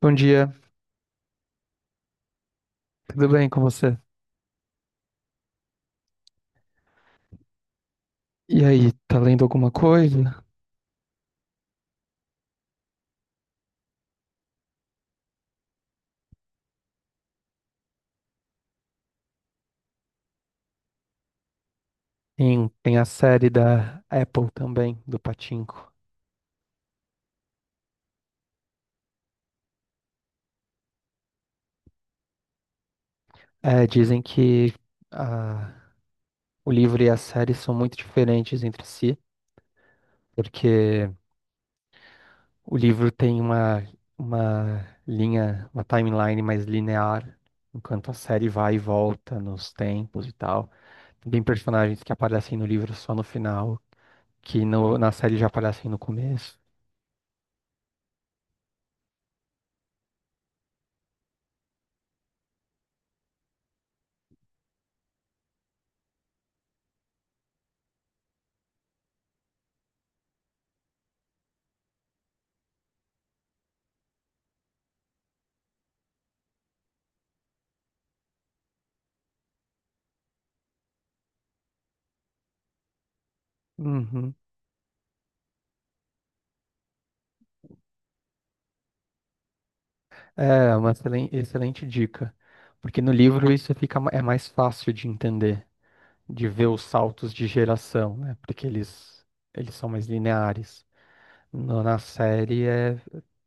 Bom dia, tudo bem com você? E aí, tá lendo alguma coisa? Tem a série da Apple também, do Pachinko. É, dizem que a- o livro e a série são muito diferentes entre si, porque o livro tem uma linha, uma timeline mais linear, enquanto a série vai e volta nos tempos e tal. Tem personagens que aparecem no livro só no final, que na série já aparecem no começo. Uhum. É uma excelente dica, porque no livro isso fica é mais fácil de entender, de ver os saltos de geração, né? Porque eles são mais lineares. Na série é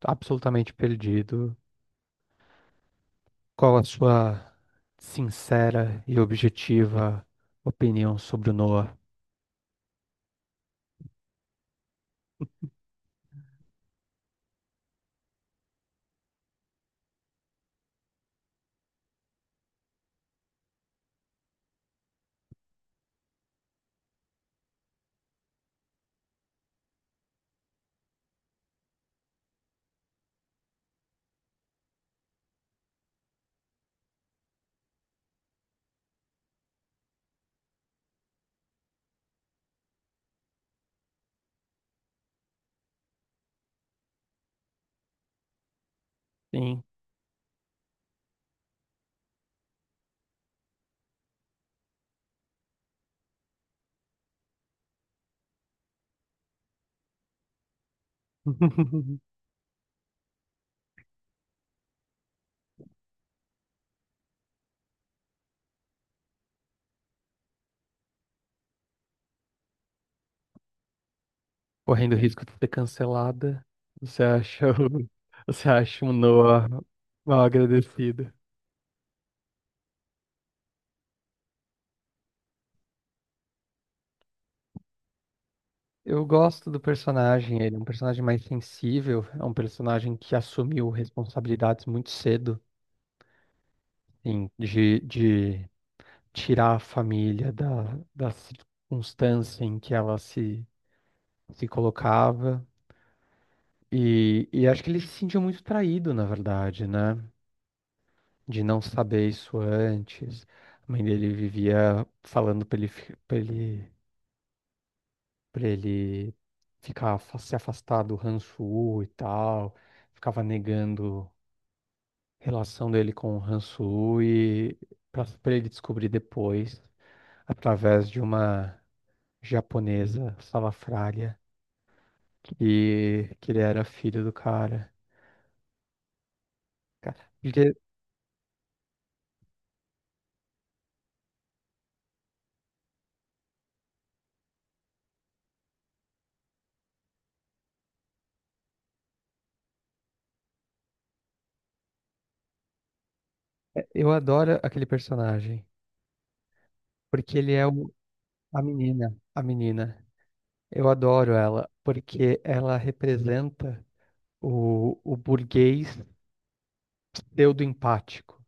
absolutamente perdido. Qual a sua sincera e objetiva opinião sobre o Noah? Sim. Correndo o risco de ser cancelada, você acha o, você acha o Noah mal agradecido? Eu gosto do personagem, ele é um personagem mais sensível, é um personagem que assumiu responsabilidades muito cedo, assim, de tirar a família da circunstância em que ela se colocava. E acho que ele se sentiu muito traído, na verdade, né? De não saber isso antes. A mãe dele vivia falando pra ele, fi- pra ele ficar, se afastar do Hansu e tal ficava negando relação dele com o Han Solo e para ele descobrir depois, através de uma japonesa salafrária, que ele era filho do cara. Cara, porque eu adoro aquele personagem, porque a menina. Eu adoro ela, porque ela representa o burguês pseudo-empático.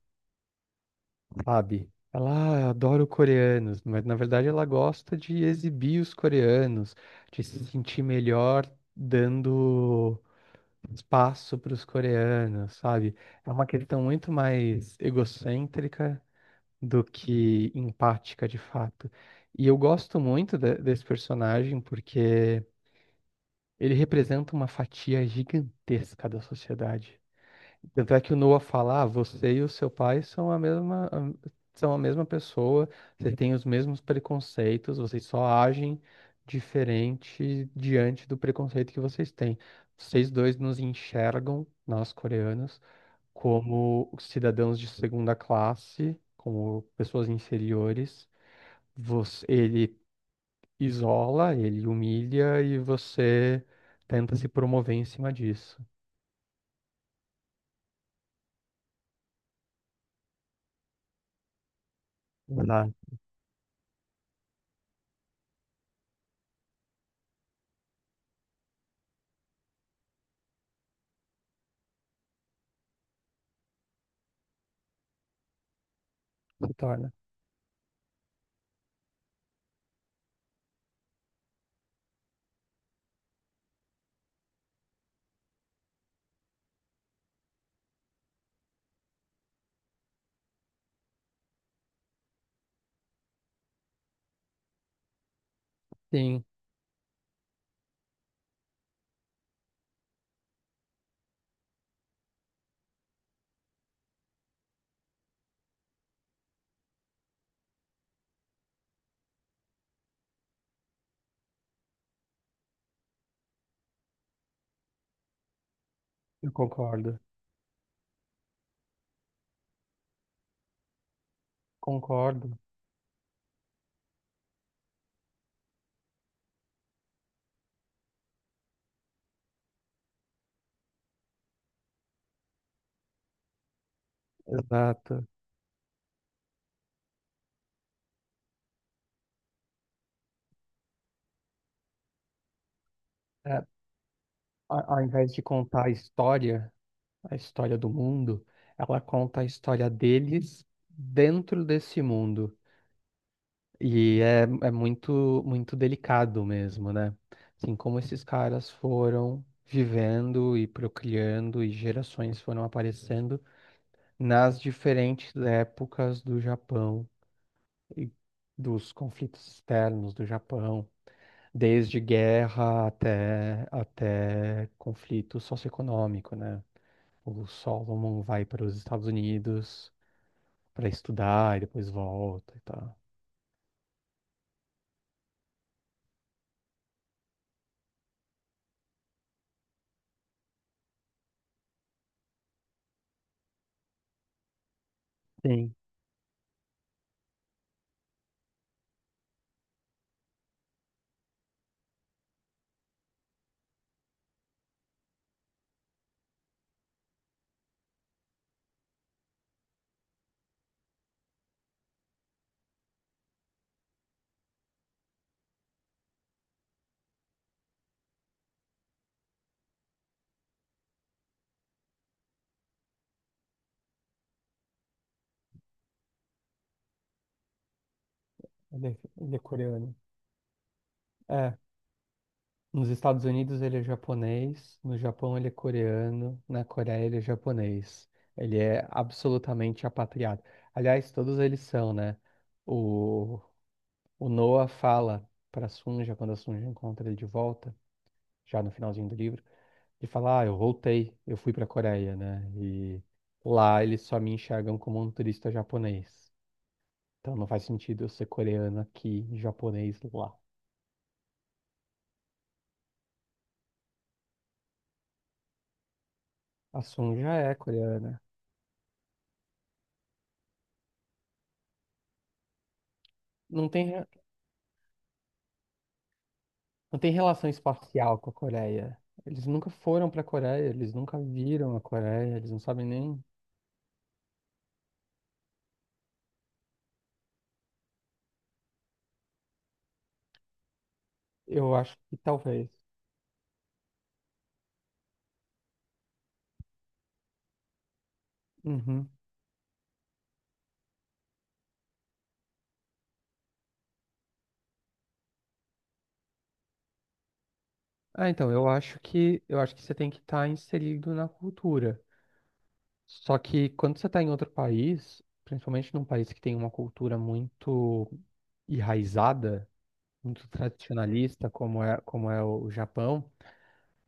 Sabe? Ela "Ah, adora coreanos, mas na verdade ela gosta de exibir os coreanos, de se sentir melhor dando espaço para os coreanos, sabe? É uma questão muito mais egocêntrica do que empática de fato. E eu gosto muito desse personagem porque ele representa uma fatia gigantesca da sociedade. Tanto é que o Noah fala, ah, você e o seu pai são a mesma pessoa, vocês têm os mesmos preconceitos, vocês só agem diferente diante do preconceito que vocês têm. Vocês dois nos enxergam, nós coreanos, como cidadãos de segunda classe, como pessoas inferiores. Você, ele isola, ele humilha e você tenta se promover em cima disso. Lá se torna. Sim, eu concordo. Concordo. Exato. É, ao invés de contar a história do mundo, ela conta a história deles dentro desse mundo. E é muito, muito delicado mesmo, né? Assim, como esses caras foram vivendo e procriando e gerações foram aparecendo nas diferentes épocas do Japão. E dos conflitos externos do Japão, desde guerra até conflito socioeconômico, né? O Solomon vai para os Estados Unidos para estudar e depois volta e tal. Sim, ele é coreano. É, nos Estados Unidos ele é japonês, no Japão ele é coreano, na Coreia ele é japonês. Ele é absolutamente apatriado. Aliás, todos eles são, né? O O Noah fala para Sunja, quando a Sunja encontra ele de volta, já no finalzinho do livro, ele fala: Ah, eu voltei, eu fui para a Coreia, né? E lá eles só me enxergam como um turista japonês. Então não faz sentido eu ser coreano aqui e japonês lá. A Sunja é coreana. Não tem, re- não tem relação espacial com a Coreia. Eles nunca foram para a Coreia, eles nunca viram a Coreia, eles não sabem nem. Eu acho que talvez. Uhum. Ah, então, eu acho que você tem que estar inserido na cultura. Só que quando você está em outro país, principalmente num país que tem uma cultura muito enraizada, muito tradicionalista, como é o Japão,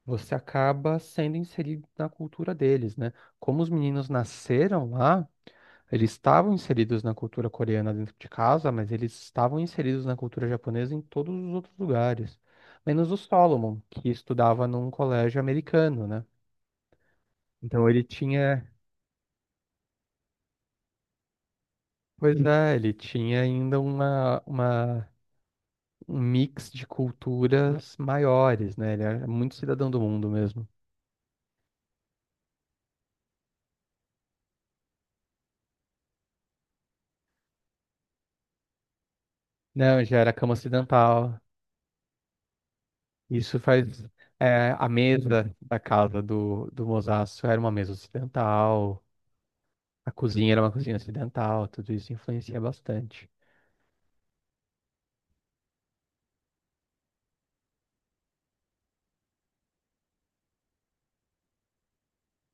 você acaba sendo inserido na cultura deles, né? Como os meninos nasceram lá, eles estavam inseridos na cultura coreana dentro de casa, mas eles estavam inseridos na cultura japonesa em todos os outros lugares, menos o Solomon, que estudava num colégio americano, né? Então pois é, ele tinha ainda um mix de culturas maiores, né? Ele era muito cidadão do mundo mesmo. Não, já era cama ocidental. Isso faz. A mesa da casa do Mosaço era uma mesa ocidental, a cozinha era uma cozinha ocidental, tudo isso influencia bastante.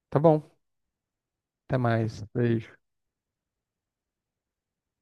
Tá bom, até mais. Beijo.